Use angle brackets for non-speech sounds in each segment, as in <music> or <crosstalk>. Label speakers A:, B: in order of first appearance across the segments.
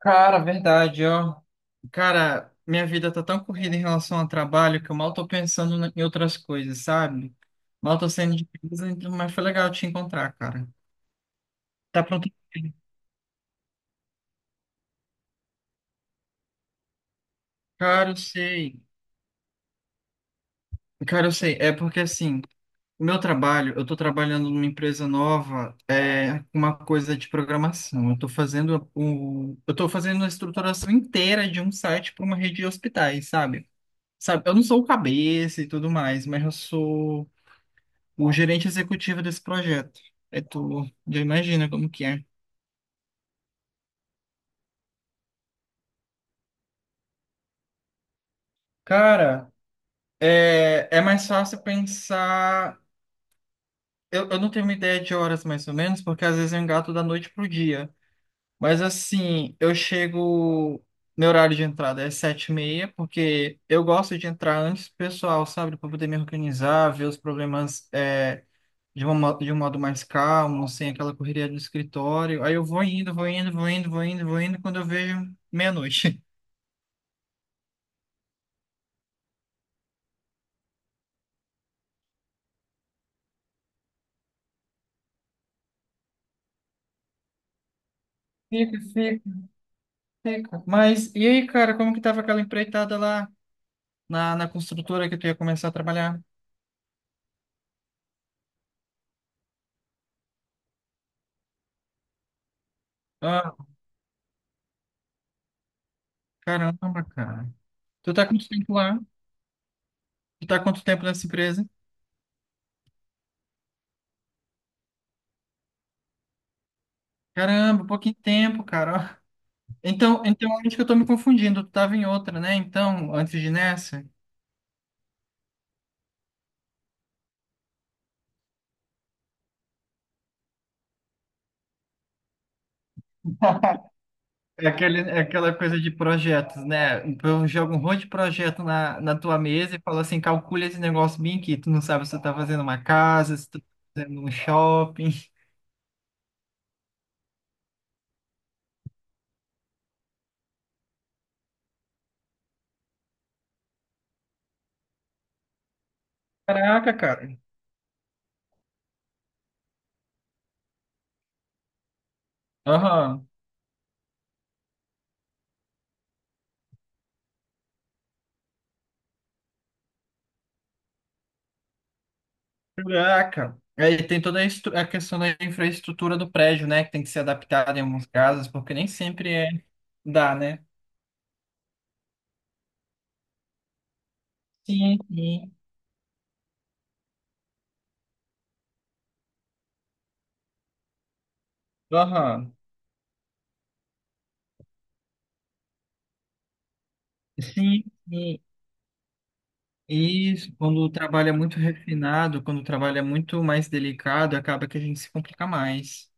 A: Cara, verdade, ó. Cara, minha vida tá tão corrida em relação ao trabalho que eu mal tô pensando em outras coisas, sabe? Mal tô saindo de casa, mas foi legal te encontrar, cara. Tá pronto? Cara, eu sei. Cara, eu sei. É porque assim, o meu trabalho, eu tô trabalhando numa empresa nova, é uma coisa de programação. Eu tô fazendo a estruturação inteira de um site para uma rede de hospitais, sabe? Sabe, eu não sou o cabeça e tudo mais, mas eu sou o gerente executivo desse projeto. Aí tu já imagina como que é. Cara, é mais fácil pensar. Eu não tenho uma ideia de horas mais ou menos, porque às vezes eu engato da noite pro dia. Mas assim, eu chego. Meu horário de entrada é 7:30, porque eu gosto de entrar antes do pessoal, sabe? Para poder me organizar, ver os problemas de um modo mais calmo, sem aquela correria do escritório. Aí eu vou indo, vou indo, vou indo, vou indo, vou indo, quando eu vejo meia-noite. Fica, fica, fica. Mas e aí, cara, como que tava aquela empreitada lá na construtora que tu ia começar a trabalhar? Ah, caramba, cara. Tu tá quanto tempo lá? Tu tá quanto tempo nessa empresa? Caramba, pouquinho tempo, cara. Ó. Então acho que eu tô me confundindo. Tu tava em outra, né? Então, antes de nessa. É aquela coisa de projetos, né? Eu jogo um monte de projeto na tua mesa e falo assim, calcula esse negócio bem aqui. Tu não sabe se tu tá fazendo uma casa, se tu tá fazendo um shopping. Caraca, cara. Aham. Caraca. Aí tem toda a questão da infraestrutura do prédio, né? Que tem que ser adaptada em alguns casos, porque nem sempre é dá, né? Sim, sim. Aham. Sim, sim. Isso, quando o trabalho é muito refinado, quando o trabalho é muito mais delicado, acaba que a gente se complica mais.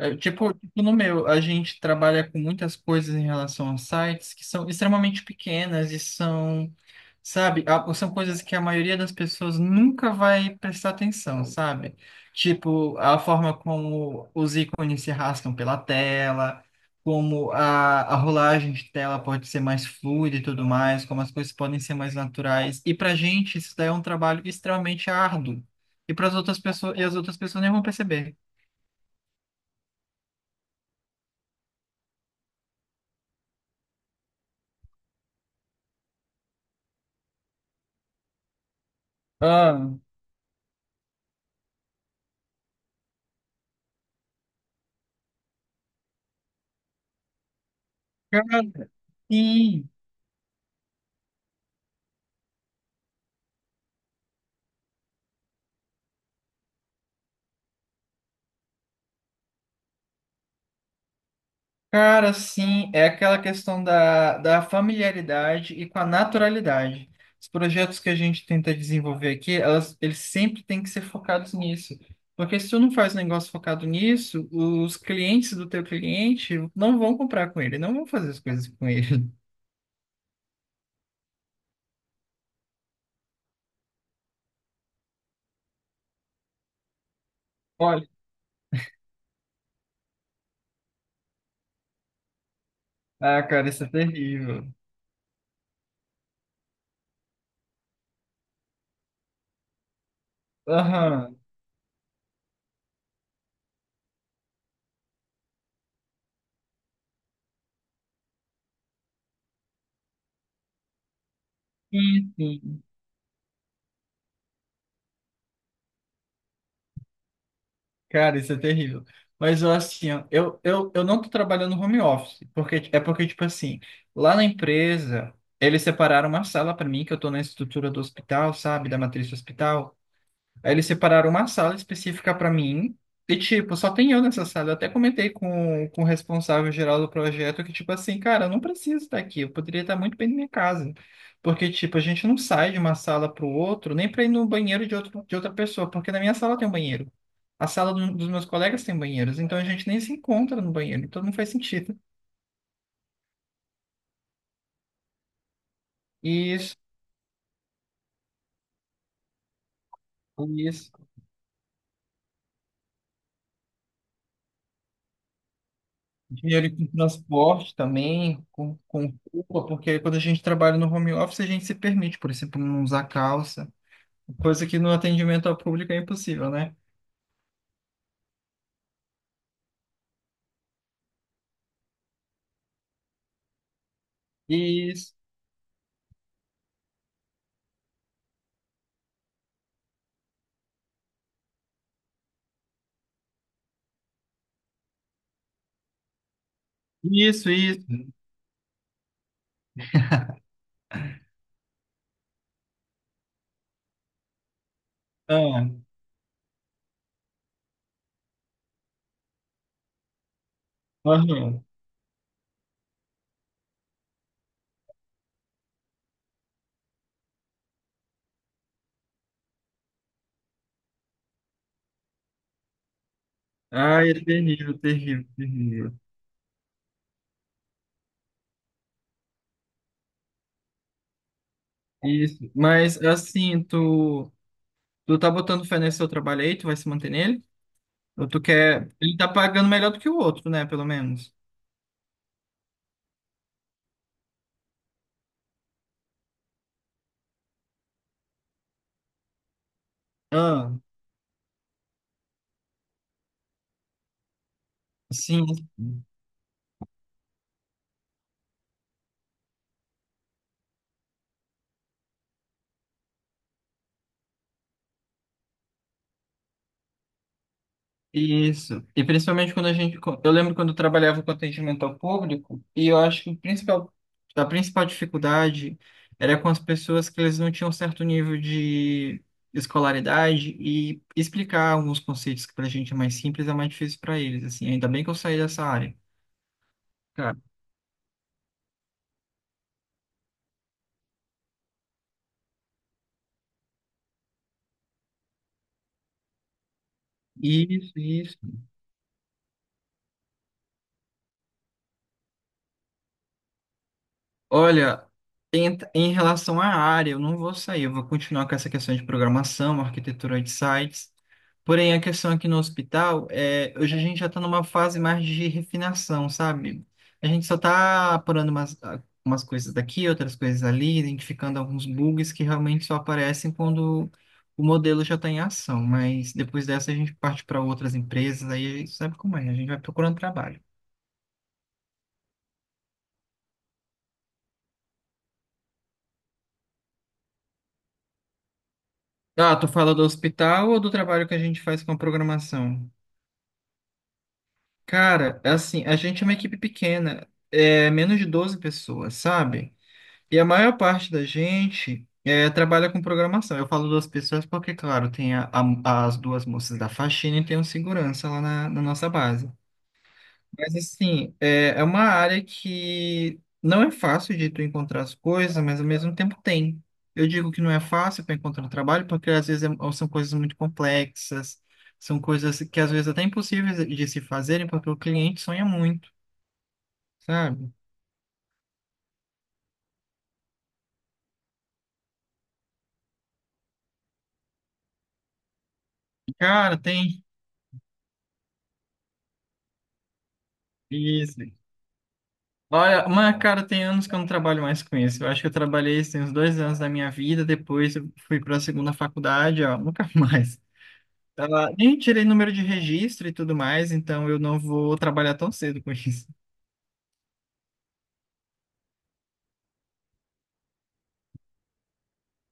A: É, tipo, no meu, a gente trabalha com muitas coisas em relação aos sites que são extremamente pequenas e são sabe? São coisas que a maioria das pessoas nunca vai prestar atenção, sabe? Tipo, a forma como os ícones se arrastam pela tela, como a rolagem de tela pode ser mais fluida e tudo mais, como as coisas podem ser mais naturais. E pra gente, isso daí é um trabalho extremamente árduo. E as outras pessoas nem vão perceber. Ah, cara, sim. Cara, sim, é aquela questão da familiaridade e com a naturalidade. Os projetos que a gente tenta desenvolver aqui, eles sempre têm que ser focados nisso. Porque se tu não faz um negócio focado nisso, os clientes do teu cliente não vão comprar com ele, não vão fazer as coisas com ele. <laughs> Olha. Ah, cara, isso é terrível. Aham. Sim, sim. Cara, isso é terrível. Mas eu assim, ó, eu não tô trabalhando home office, porque, tipo assim, lá na empresa, eles separaram uma sala para mim, que eu tô na estrutura do hospital, sabe, da matriz do hospital. Aí eles separaram uma sala específica para mim. E, tipo, só tem eu nessa sala. Eu até comentei com, o responsável geral do projeto que, tipo assim, cara, eu não preciso estar aqui. Eu poderia estar muito bem na minha casa. Porque, tipo, a gente não sai de uma sala para o outro, nem para ir no banheiro de outra pessoa. Porque na minha sala tem um banheiro. A sala dos meus colegas tem banheiros. Então a gente nem se encontra no banheiro. Então não faz sentido. Isso, isso. Dinheiro com transporte também, com, roupa, porque quando a gente trabalha no home office, a gente se permite, por exemplo, não usar calça, coisa que no atendimento ao público é impossível, né? Isso, isso, isso. Ah, aham. Ai, é terrível, terrível, terrível. Isso. Mas assim, tu tá botando fé nesse seu trabalho aí, tu vai se manter nele? Ou tu quer. Ele tá pagando melhor do que o outro, né? Pelo menos. Ah, sim. Isso. E principalmente quando a gente. Eu lembro quando eu trabalhava com atendimento ao público, e eu acho que a principal dificuldade era com as pessoas que eles não tinham certo nível de escolaridade e explicar alguns conceitos que para a gente é mais simples é mais difícil para eles, assim. Ainda bem que eu saí dessa área. Cara, isso, isso. Olha, em, relação à área, eu não vou sair, eu vou continuar com essa questão de programação, arquitetura de sites. Porém, a questão aqui no hospital é, hoje a gente já está numa fase mais de refinação, sabe? A gente só está apurando umas coisas daqui, outras coisas ali, identificando alguns bugs que realmente só aparecem quando o modelo já está em ação. Mas depois dessa a gente parte para outras empresas, aí sabe como é, a gente vai procurando trabalho. Ah, tu fala do hospital ou do trabalho que a gente faz com a programação? Cara, assim, a gente é uma equipe pequena, é menos de 12 pessoas, sabe? E a maior parte da gente trabalha com programação. Eu falo duas pessoas porque, claro, tem as duas moças da faxina e tem um segurança lá na, nossa base. Mas assim, é uma área que não é fácil de tu encontrar as coisas, mas ao mesmo tempo tem. Eu digo que não é fácil para encontrar trabalho, porque às vezes são coisas muito complexas, são coisas que às vezes até impossíveis de se fazerem, porque o cliente sonha muito, sabe? Cara, tem isso. Olha, mas cara, tem anos que eu não trabalho mais com isso. Eu acho que eu trabalhei, isso tem uns 2 anos da minha vida, depois eu fui para a segunda faculdade, ó, <laughs> nunca mais. Nem tirei número de registro e tudo mais, então eu não vou trabalhar tão cedo com isso.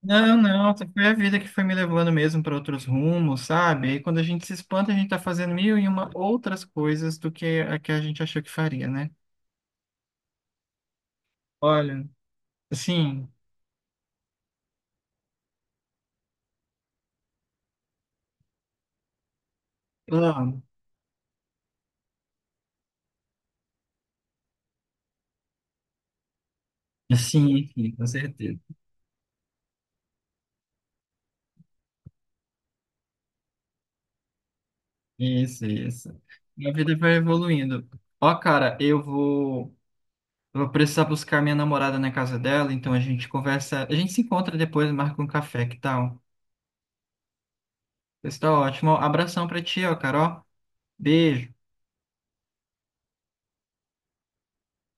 A: Não, não, foi a vida que foi me levando mesmo para outros rumos, sabe? Aí quando a gente se espanta, a gente tá fazendo mil e uma outras coisas do que a gente achou que faria, né? Olha, assim, amo. Sim, sim, com certeza. Isso, isso. Minha vida vai evoluindo. Ó, cara, eu vou, precisar buscar minha namorada na casa dela, então a gente conversa, a gente se encontra depois, marca um café, que tal? Pessoal, ótimo abração pra ti, ó, Carol. Beijo.